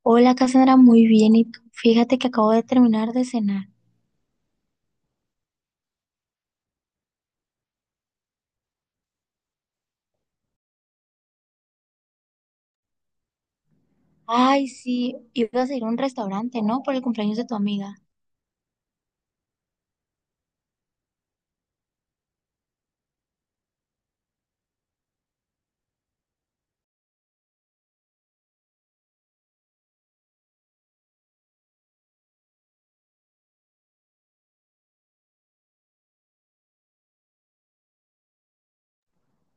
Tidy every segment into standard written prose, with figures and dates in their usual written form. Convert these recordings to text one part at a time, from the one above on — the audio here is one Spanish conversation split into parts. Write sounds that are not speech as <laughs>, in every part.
Hola Cassandra, muy bien. ¿Y tú? Fíjate que acabo de terminar de cenar. Ay, sí, ibas a ir a un restaurante, ¿no? Por el cumpleaños de tu amiga.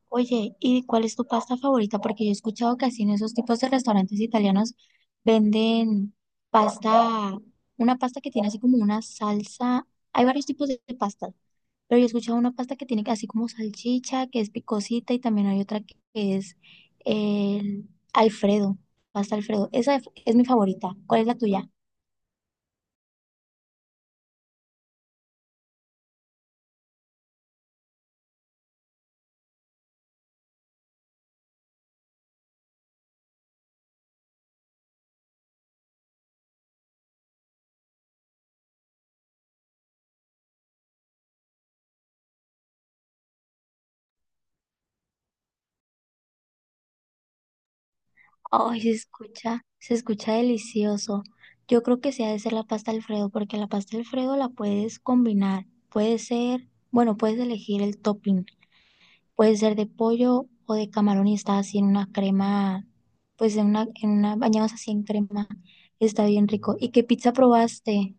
Oye, ¿y cuál es tu pasta favorita? Porque yo he escuchado que así en esos tipos de restaurantes italianos venden pasta, una pasta que tiene así como una salsa. Hay varios tipos de pastas, pero yo he escuchado una pasta que tiene así como salchicha, que es picosita, y también hay otra que es el Alfredo, pasta Alfredo. Esa es mi favorita. ¿Cuál es la tuya? Ay, se escucha delicioso. Yo creo que sí ha de ser la pasta Alfredo, porque la pasta Alfredo la puedes combinar. Puede ser, bueno, puedes elegir el topping. Puede ser de pollo o de camarón y está así en una crema, pues en una, bañados así en crema. Está bien rico. ¿Y qué pizza probaste?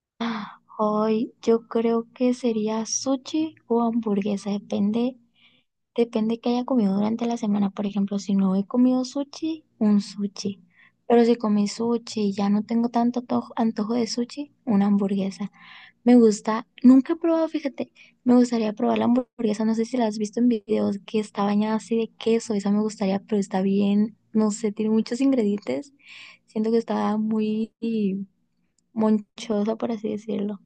<gasps> Ah, ay, yo creo que sería sushi o hamburguesa, depende. Depende que haya comido durante la semana. Por ejemplo, si no he comido sushi, un sushi. Pero si comí sushi y ya no tengo tanto antojo, antojo de sushi, una hamburguesa. Me gusta, nunca he probado, fíjate, me gustaría probar la hamburguesa. No sé si la has visto en videos que está bañada así de queso. Esa me gustaría, pero está bien, no sé, tiene muchos ingredientes. Siento que está muy monchosa, por así decirlo.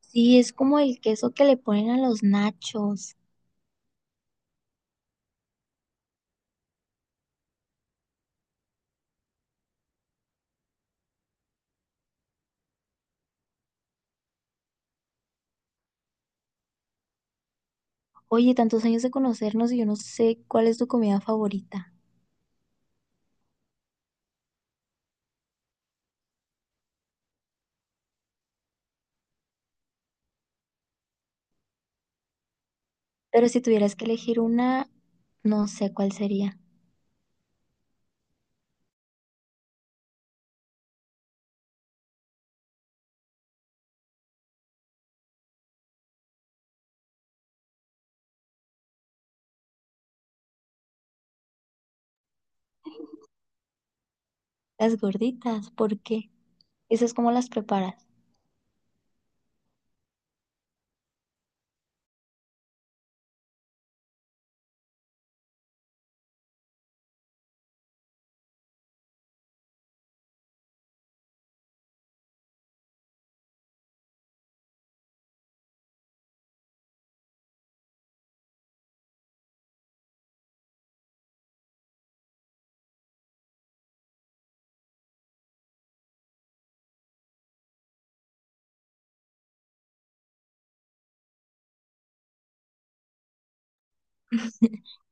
Sí, es como el queso que le ponen a los nachos. Oye, tantos años de conocernos y yo no sé cuál es tu comida favorita. Pero si tuvieras que elegir una, no sé cuál sería. Las gorditas, ¿por qué? ¿Esas cómo las preparas?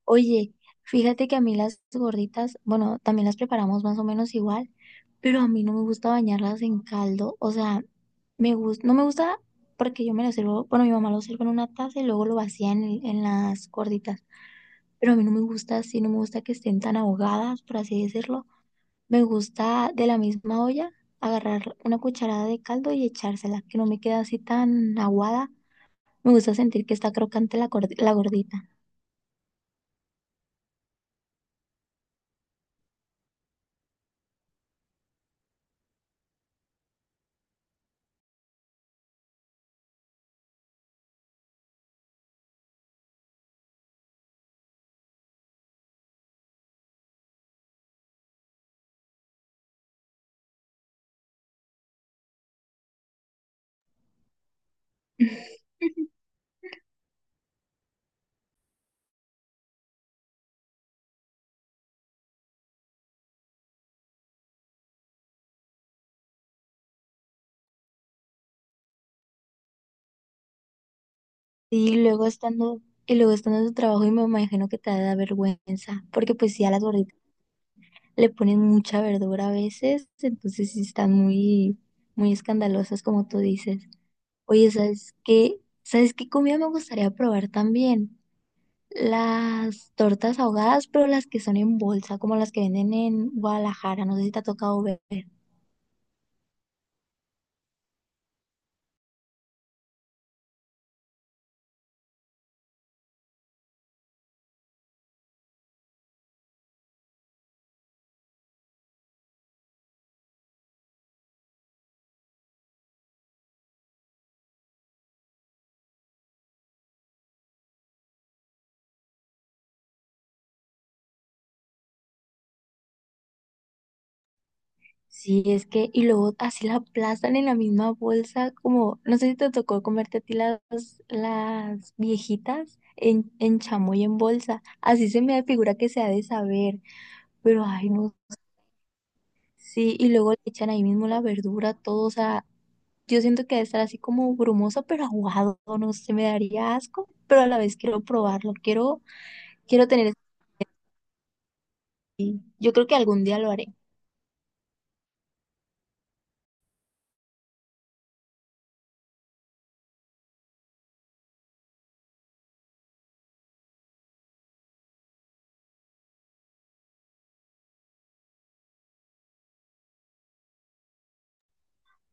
Oye, fíjate que a mí las gorditas, bueno, también las preparamos más o menos igual, pero a mí no me gusta bañarlas en caldo. O sea, me gusta, no me gusta porque yo me lo sirvo, bueno, mi mamá lo sirve en una taza y luego lo vacía en, en las gorditas. Pero a mí no me gusta así, no me gusta que estén tan ahogadas, por así decirlo. Me gusta de la misma olla agarrar una cucharada de caldo y echársela, que no me queda así tan aguada. Me gusta sentir que está crocante la, la gordita. <laughs> Y luego estando, y luego estando en tu trabajo y me imagino que te da vergüenza, porque pues sí a las gorditas le ponen mucha verdura a veces, entonces sí están muy, muy escandalosas como tú dices. Oye, ¿sabes qué? ¿Sabes qué comida me gustaría probar también? Las tortas ahogadas, pero las que son en bolsa, como las que venden en Guadalajara, no sé si te ha tocado ver. Sí, es que, y luego así la aplastan en la misma bolsa, como, no sé si te tocó comerte a ti las viejitas en chamoy en bolsa. Así se me figura que se ha de saber, pero ay, no. Sí, y luego le echan ahí mismo la verdura, todo, o sea, yo siento que debe estar así como brumoso, pero aguado, no sé, me daría asco, pero a la vez quiero probarlo, quiero, quiero tener. Yo creo que algún día lo haré.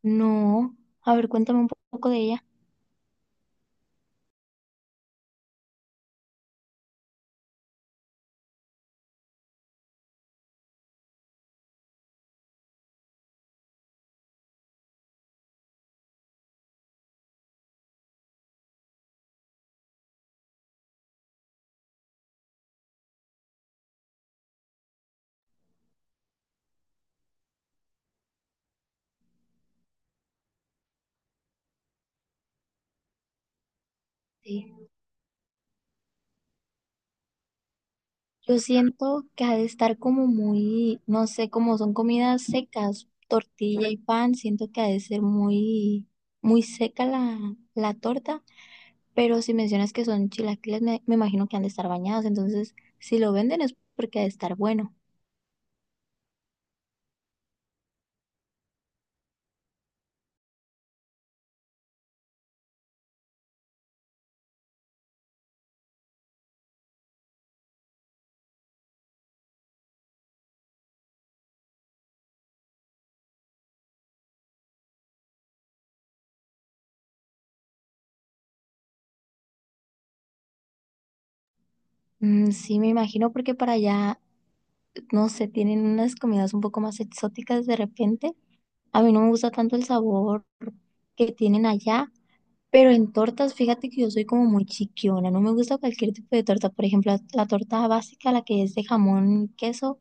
No, a ver, cuéntame un poco de ella. Sí. Yo siento que ha de estar como muy, no sé, como son comidas secas, tortilla y pan, siento que ha de ser muy, muy seca la, la torta, pero si mencionas que son chilaquiles, me imagino que han de estar bañados, entonces si lo venden es porque ha de estar bueno. Mm, sí, me imagino porque para allá no sé, tienen unas comidas un poco más exóticas de repente. A mí no me gusta tanto el sabor que tienen allá, pero en tortas, fíjate que yo soy como muy chiquiona, no me gusta cualquier tipo de torta, por ejemplo, la torta básica, la que es de jamón y queso,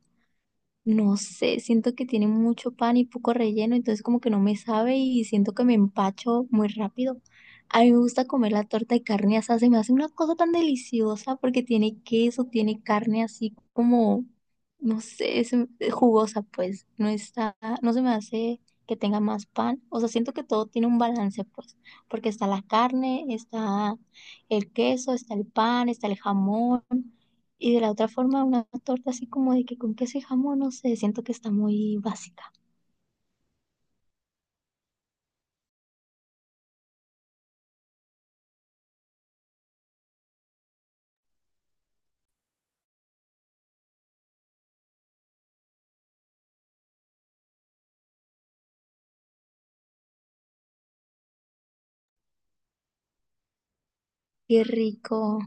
no sé, siento que tiene mucho pan y poco relleno, entonces como que no me sabe y siento que me empacho muy rápido. A mí me gusta comer la torta de carne asada, se me hace una cosa tan deliciosa porque tiene queso, tiene carne así como, no sé, es jugosa pues, no está, no se me hace que tenga más pan, o sea, siento que todo tiene un balance pues, porque está la carne, está el queso, está el pan, está el jamón. Y de la otra forma, una torta así como de que con queso y jamón, no sé, siento que está muy básica. Qué rico,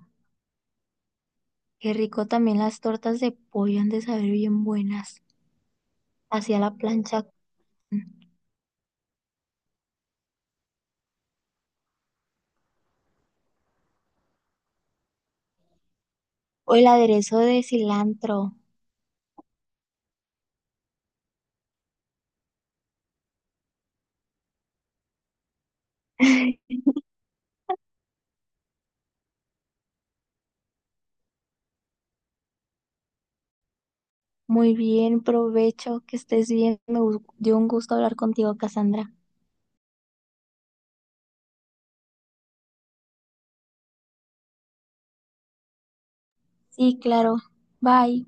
qué rico también las tortas de pollo han de saber bien buenas. Hacia la plancha o el aderezo de cilantro. <laughs> Muy bien, provecho, que estés bien. Dio un gusto hablar contigo, Cassandra. Sí, claro. Bye.